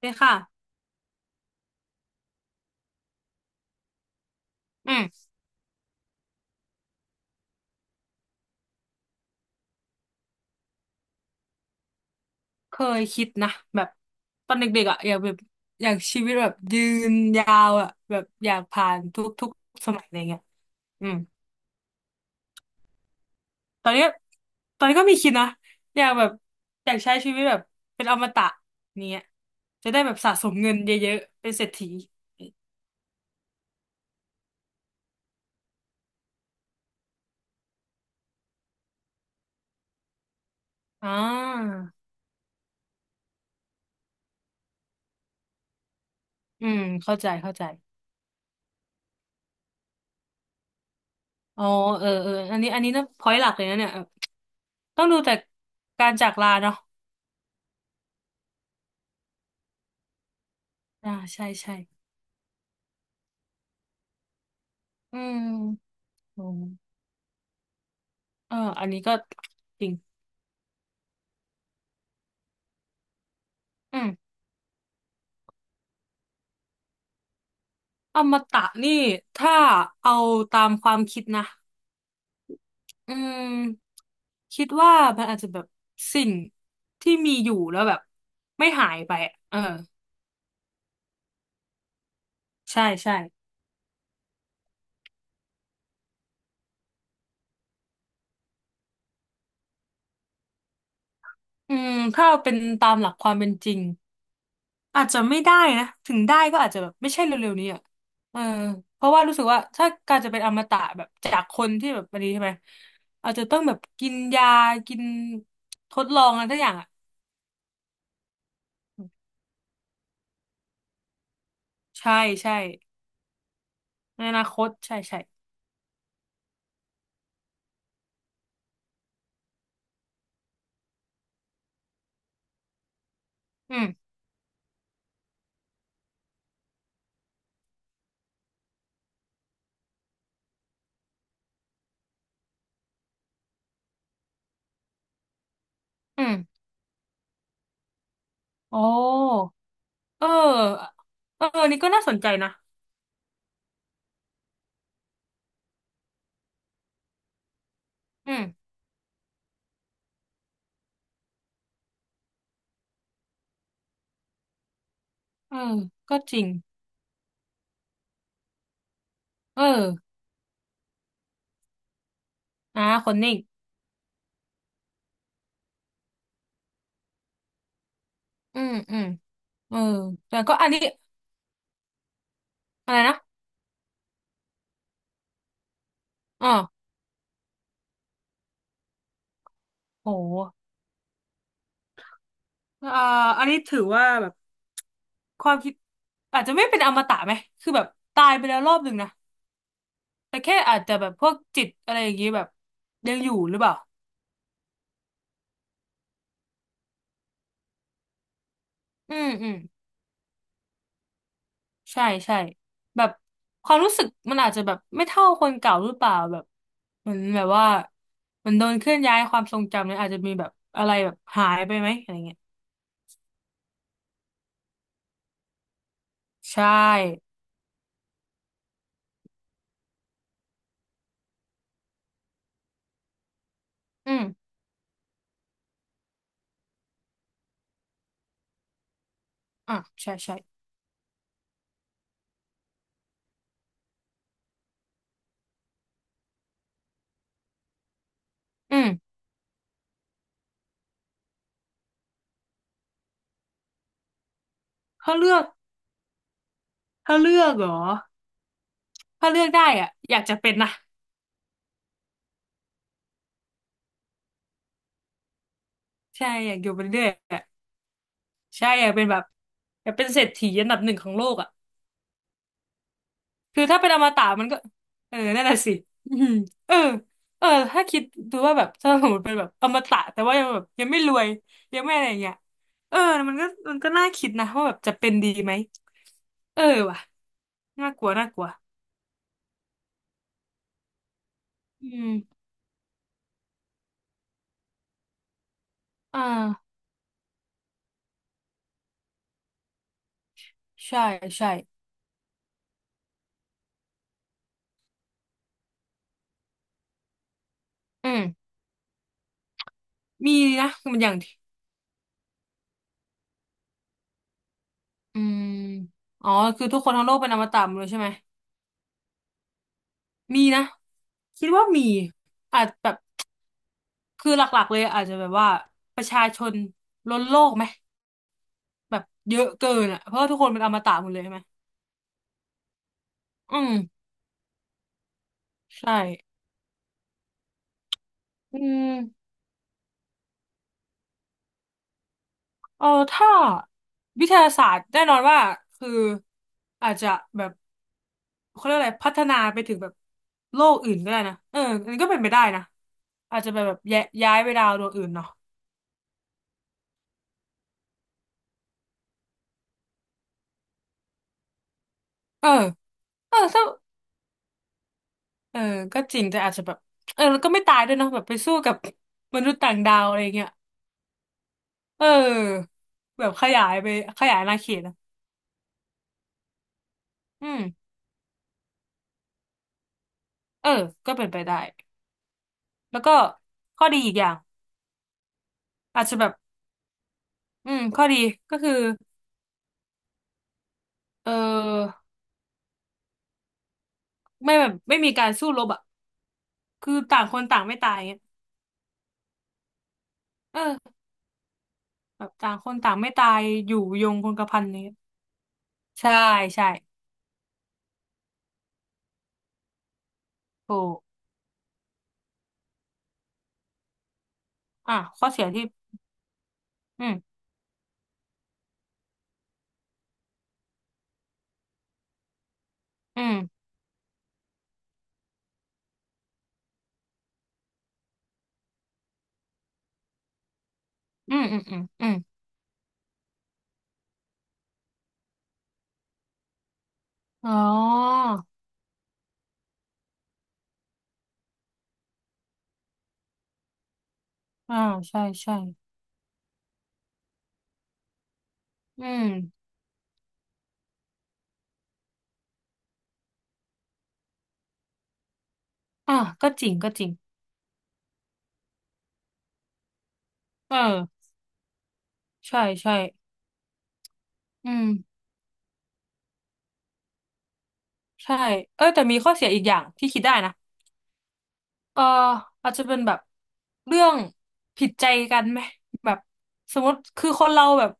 เลยค่ะอืมเคยคิดนะแบบตอนเด็กๆอ่ะอยากแบบอยากชีวิตแบบยืนยาวอ่ะแบบอยากผ่านทุกสมัยอะไรเงี้ยอืมตอนนี้ตอนนี้ก็มีคิดนะอยากแบบอยากใช้ชีวิตแบบเป็นอมตะเนี้ยจะได้แบบสะสมเงินเยอะๆเป็นเศรษฐีอ่าอืมเข้าใจเข้าใจอ๋อเออเอออันนี้นะพอยหลักเลยนะเนี่ยเออต้องดูแต่การจากลาเนาะอ่าใช่ใช่อืมโอ้ เอออันนี้ก็จริงอืมอมตะนี่ถ้าเอาตามความคิดนะอืมคิดว่ามันอาจจะแบบสิ่งที่มีอยู่แล้วแบบไม่หายไปอะเออใช่ใช่อืมถ้าเอาเป็นตามหลักความเป็นจริงอาจจะไม่ได้นะถึงได้ก็อาจจะแบบไม่ใช่เร็วๆนี้อ่ะเออเพราะว่ารู้สึกว่าถ้าการจะเป็นอมตะแบบจากคนที่แบบอันนี้ใช่ไหมอาจจะต้องแบบกินยากินทดลองอะไรทุกอย่างอ่ะใช่ใช่ ในอนาคตใช่ใช่อืมอืมโอ้เออเออนี่ก็น่าสนใจนะอืมเออก็จริงเอออ่าคนนิ่งอืมอืมเออแต่ก็อันนี้อะไรนะอ๋อโหอ่าอันนี้ถือว่าแบบความคิดอาจจะไม่เป็นอมตะไหมคือแบบตายไปแล้วรอบหนึ่งนะแต่แค่อาจจะแบบพวกจิตอะไรอย่างงี้แบบยังอยู่หรือเปล่าอืมอืม ใช่ใช่แบบความรู้สึกมันอาจจะแบบไม่เท่าคนเก่าหรือเปล่าแบบเหมือนแบบว่าเหมันโดนเคลื่อนย้ายความทรงจำเนี่ยอาจจะมีแบบอะไรแบบหายไปไหมอะไรเงี้ยใช่อืมอ่ะใช่ใช่อืมถ้าเลือกถ้าเลือกเหรอถ้าเลือกได้อ่ะอยากจะเป็นนะใช่อยากอยู่ไปเรื่อยอ่ะใช่อยากเป็นแบบอยากเป็นเศรษฐีอันดับหนึ่งของโลกอ่ะ คือถ้าเป็นอมตะมันก็เออนั่นแหละสิอืมเออเออถ้าคิดดูว่าแบบถ้าสมมติเป็นแบบอมตะแต่ว่ายังแบบยังไม่รวยยังไม่อะไรอย่างเงี้ยเออมันก็มันก็น่าคิดนะว่าแบบจะเป็นดีไหมเออว่ะน่ากลัวน่ากลัวอืมอ่าใช่ใช่อืมมีนะมันอย่างที่อืมอ๋อคือทุกคนทั้งโลกเป็นอมตะหมดเลยใช่ไหมมีนะคิดว่ามีอาจแบบคือหลักๆเลยอาจจะแบบว่าประชาชนล้นโลกไหม แบบเยอะเกินอ่ะเพราะว่าทุกคนเป็นอมตะหมดเลยใช่ไหมอืมใช่อืมเออถ้าวิทยาศาสตร์แน่นอนว่าคืออาจจะแบบเขาเรียกอะไรพัฒนาไปถึงแบบโลกอื่นก็ได้นะเอออันนี้ก็เป็นไปได้นะอาจจะแบบแบบย้ายย้ายไปดาวดวงอื่นเนาะเออเออถ้าเออก็จริงแต่อาจจะแบบเออแล้วก็ไม่ตายด้วยเนาะแบบไปสู้กับมนุษย์ต่างดาวอะไรเงี้ยเออแบบขยายอาณาเขตนะอืมเออก็เป็นไปได้ แล้วก็ข้อดีอีกอย่างอาจจะแบบอืมข้อดีก็คือเออไม่แบบไม่มีการสู้รบอ่ะคือต่างคนต่างไม่ตายเงี้ยเออแบบต่างคนต่างไม่ตายอยู่ยงคงกระพันนี้ยใช่ใช่ถูกอ่ะข้อเสียที่อืมอืมอืมอืมอืมอืมอ๋ออ่าใช่ใช่อืมอ่ะก็จริงก็จริงเออใช่ใช่อืมใช่เออแต่มีข้อเสียอีกอย่างที่คิดได้นะ เอออาจจะเป็นแบบเรื่องผิดใจกันไหมแบบสมมติคือคนเราแบบ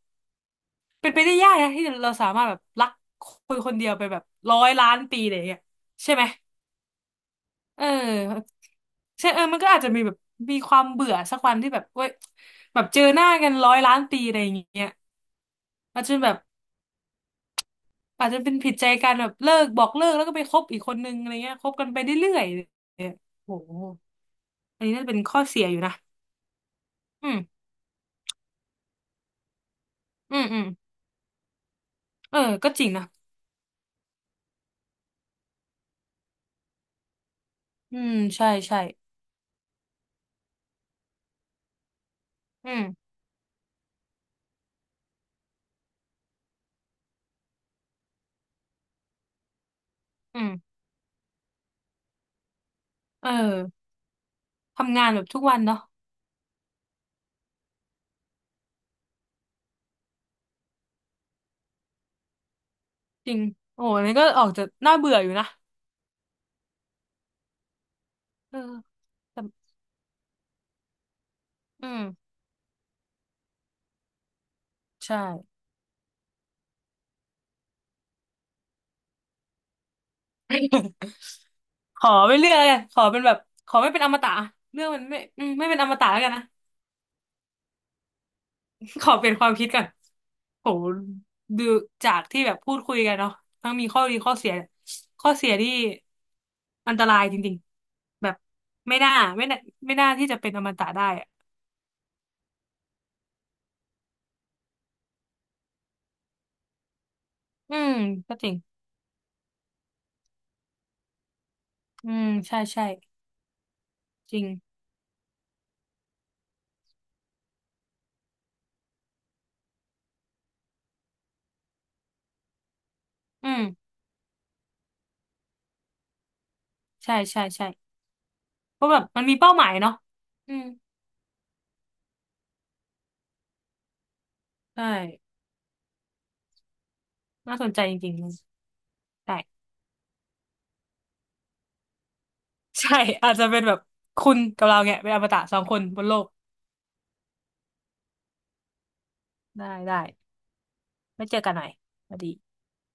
เป็นไปได้ยากนะที่เราสามารถแบบรักคนคนเดียวไปแบบร้อยล้านปีอะไรอย่างเงี้ยใช่ไหมเออใช่เออมันก็อาจจะมีแบบมีความเบื่อสักวันที่แบบเว้ยแบบเจอหน้ากันร้อยล้านปีอะไรอย่างเงี้ยอาจจะแบบอาจจะเป็นผิดใจกันแบบเลิกบอกเลิกแล้วก็ไปคบอีกคนนึงอะไรเงี้ยคบกันไปเรื่อยๆเนี่ยโอ้โหอันนี้น่าจะเป็นข้อเสียอยู่นะอืมอืมอืมเออก็จริงนะ อืมใช่ใช่อืมอืมเออทำงานแบบทุกวันเนาะจริงโอ้โหอันนี้ก็ออกจะน่าเบื่ออยู่นะเออแต่อืมใช่ ขอไม่เลือกแล้วกันขอเป็นแบบขอไม่เป็นอมตะเรื่องมันไม่อืมไม่เป็นอมตะแล้วกันนะ ขอเปลี่ยนความคิดก่อนโหดูจากที่แบบพูดคุยกันเนาะทั้งมีข้อดีข้อเสียข้อเสียที่อันตรายจริงๆแบบไม่น่าไม่น่าไม่น่าที่จะเป็นอมตะได้อะอืมก็จริงอืมใช่ใช่ จริง อืม ใช่ใช่ใช่เพราะแบบมันมีเป้าหมายเนาะอืม ใช่น่าสนใจจริงๆเลยใช่ใช่ อาจจะเป็นแบบคุณกับเราเนี่ยเป็นอมตะสองคนบนโลก ได้ได้ไม่เจอกันหน่อยสวัสดี